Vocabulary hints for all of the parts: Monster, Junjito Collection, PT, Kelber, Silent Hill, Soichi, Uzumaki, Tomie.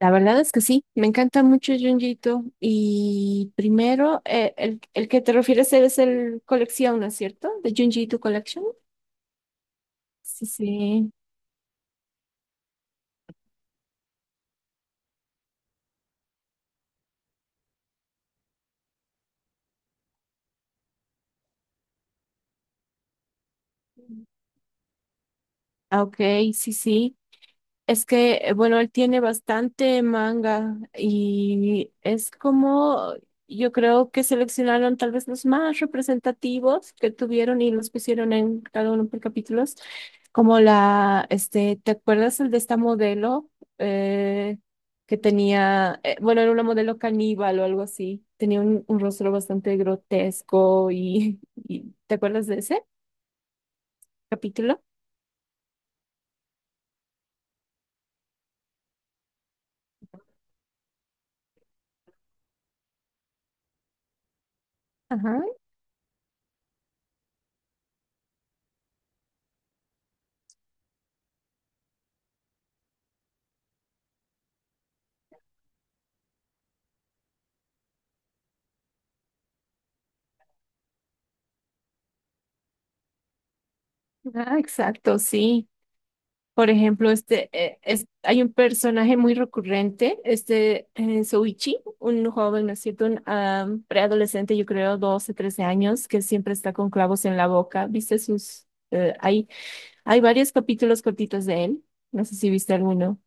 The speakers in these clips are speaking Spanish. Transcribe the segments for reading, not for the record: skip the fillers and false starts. La verdad es que sí, me encanta mucho Junjito. Y primero, el que te refieres es el colección, ¿no es cierto? De Junjito Collection. Sí, sí. Ah, ok, sí, sí. Es que, bueno, él tiene bastante manga y es como, yo creo que seleccionaron tal vez los más representativos que tuvieron y los pusieron en cada uno por capítulos, como la, este, ¿te acuerdas el de esta modelo eh, que tenía, bueno, era una modelo caníbal o algo así, tenía un rostro bastante grotesco y, y ¿te acuerdas de ese capítulo? Ajá, ah, exacto, sí. Por ejemplo, este, hay un personaje muy recurrente, este Soichi, un joven, ¿no es cierto? Un ah, preadolescente, yo creo, 12 13 años, que siempre está con clavos en la boca. ¿Viste sus ahí? Hay varios capítulos cortitos de él. No sé si viste alguno.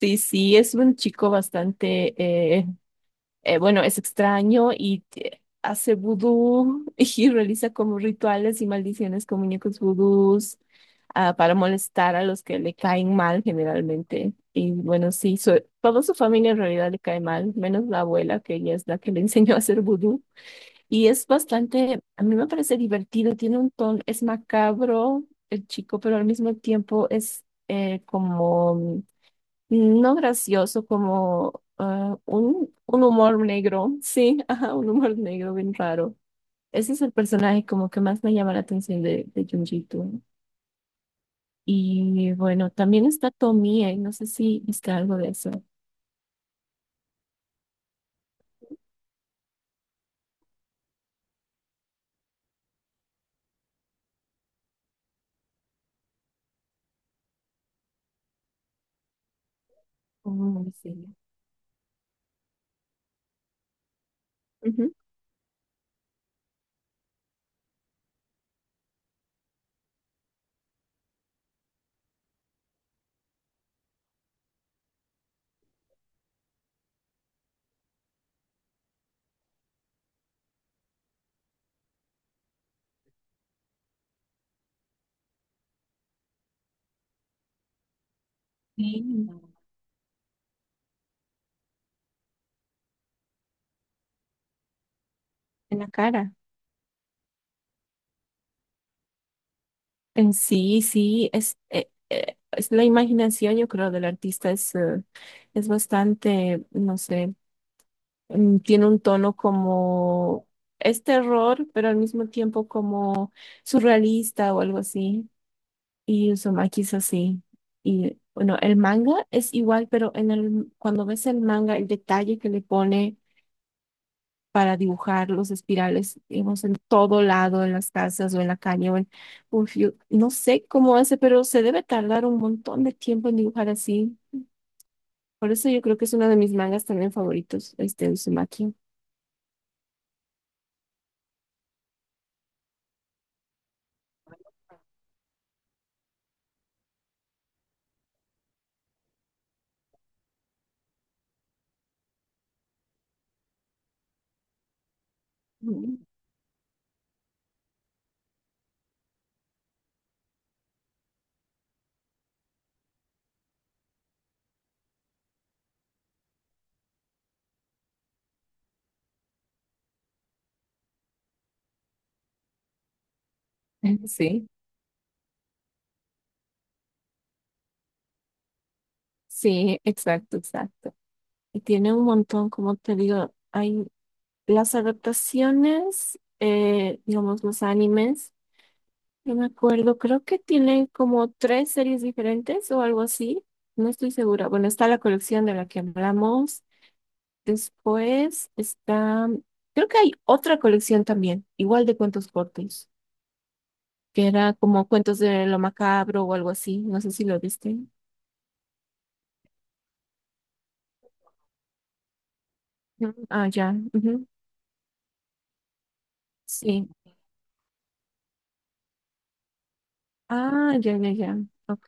Sí, sí, es un chico bastante, eh, bueno, es extraño y hace vudú y realiza como rituales y maldiciones con muñecos vudús ah, para molestar a los que le caen mal generalmente. Y bueno, sí, toda su familia en realidad le cae mal, menos la abuela, que ella es la que le enseñó a hacer vudú. Y es bastante, a mí me parece divertido, tiene un tono, es macabro el chico, pero al mismo tiempo es como no gracioso, como ah, un humor negro, sí, ajá, un humor negro bien raro. Ese es el personaje como que más me llama la atención de Junjito. Y bueno, también está Tomie, no sé si viste algo de eso. Oh, sí. Ujú. Sí, en la cara. En sí, sí, es la imaginación, yo creo, del artista, es bastante, no sé, mm, tiene un tono como es terror, pero al mismo tiempo como surrealista o algo así. Y Uzumaki es así. Y bueno, el manga es igual, pero en el, cuando ves el manga, el detalle que le pone para dibujar los espirales, digamos, en todo lado, en las casas o en la calle o en un no sé cómo hace, pero se debe tardar un montón de tiempo en dibujar así. Por eso yo creo que es uno de mis mangas también favoritos, este Uzumaki. Mm. Sí, sí, exacto, exacto. Y tiene un montón, como te digo, hay las adaptaciones, digamos, los animes. No me acuerdo, creo que tienen como tres series diferentes o algo así. No estoy segura. Bueno, está la colección de la que hablamos. Después está, creo que hay otra colección también, igual de cuentos cortos, que era como cuentos de lo macabro o algo así. No sé si lo viste. Ujú. Ah, ya. Ujú, sí. Ah, ya, ya, ya. Ok.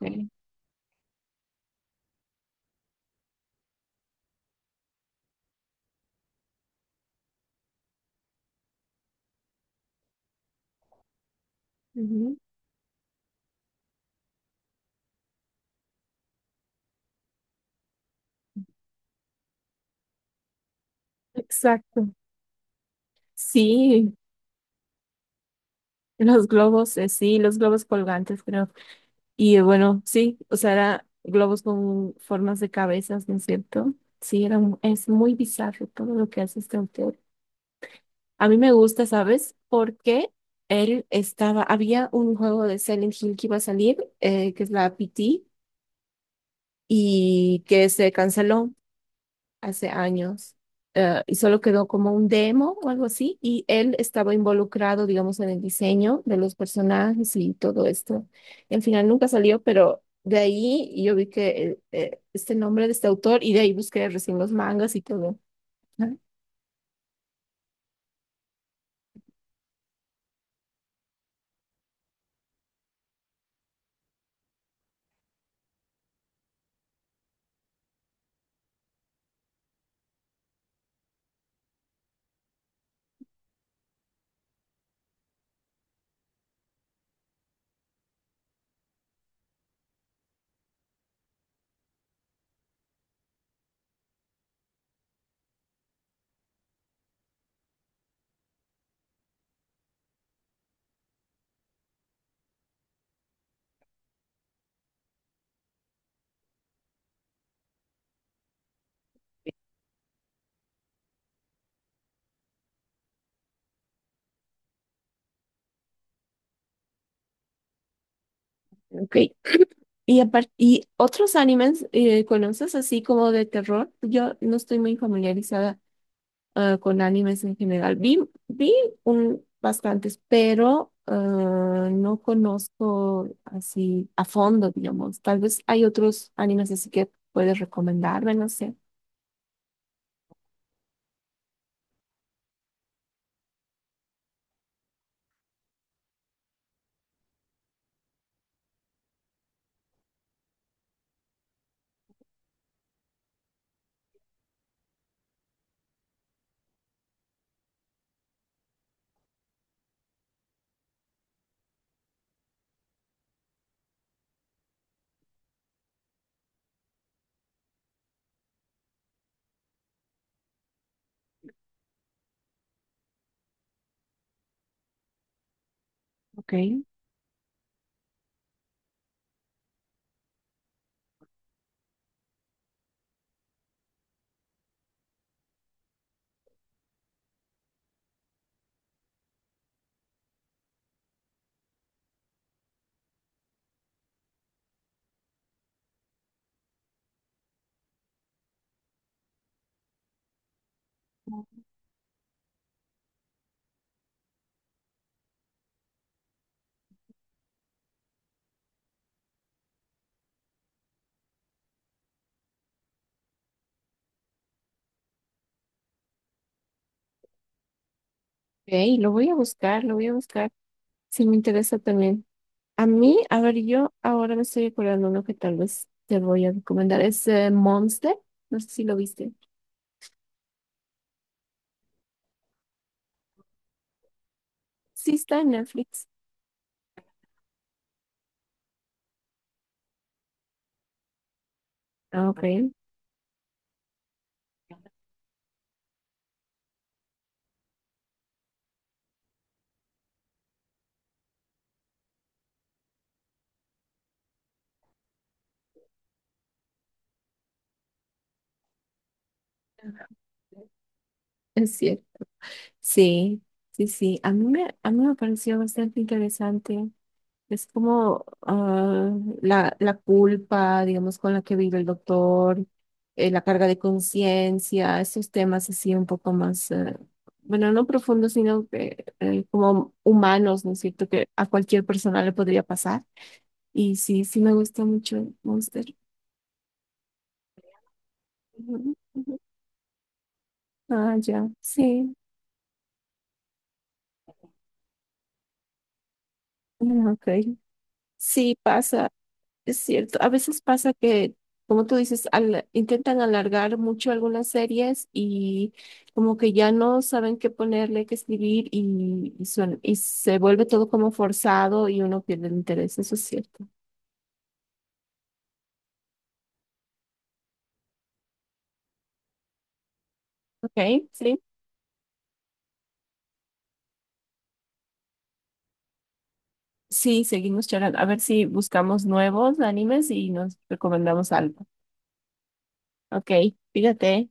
Ujú, exacto. Sí, sí, los globos colgantes, creo. Y bueno, sí, o sea, era globos con formas de cabezas, ¿no es cierto? Sí, era, es muy bizarro todo lo que hace este autor. A mí me gusta, ¿sabes? Porque él estaba, había un juego de Silent Hill que iba a salir, que es la PT, y que se canceló hace años y solo quedó como un demo o algo así y él estaba involucrado, digamos, en el diseño de los personajes y todo esto. Al final nunca salió, pero de ahí yo vi que este nombre de este autor y de ahí busqué recién los mangas y todo. Ah, ok. Y, y otros animes, ¿conoces así como de terror? Yo no estoy muy familiarizada ah, con animes en general. Vi un, bastantes, pero ah, no conozco así a fondo, digamos. Tal vez hay otros animes así que puedes recomendarme, no sé. Ok. Ok, lo voy a buscar, lo voy a buscar. Sí, me interesa también. A mí, a ver, yo ahora me estoy acordando uno que tal vez te voy a recomendar. Es Monster. No sé si lo viste. Sí, está en Netflix. Ah, ok. Es cierto. Sí, sí, sí. A mí me pareció bastante interesante. Es como ah, la culpa, digamos, con la que vive el doctor, la carga de conciencia, esos temas así un poco más, bueno, no profundos, sino que como humanos, ¿no es cierto? Que a cualquier persona le podría pasar. Y sí, sí me gusta mucho Monster. Ujú, ujú. Ah, ya, sí, mm, ok. Sí, pasa. Es cierto, a veces pasa que, como tú dices, intentan alargar mucho algunas series y como que ya no saben qué ponerle, qué escribir y, y se vuelve todo como forzado y uno pierde el interés, eso es cierto. Ok, sí. Sí, seguimos charlando. A ver si buscamos nuevos animes y nos recomendamos algo. Ok, fíjate.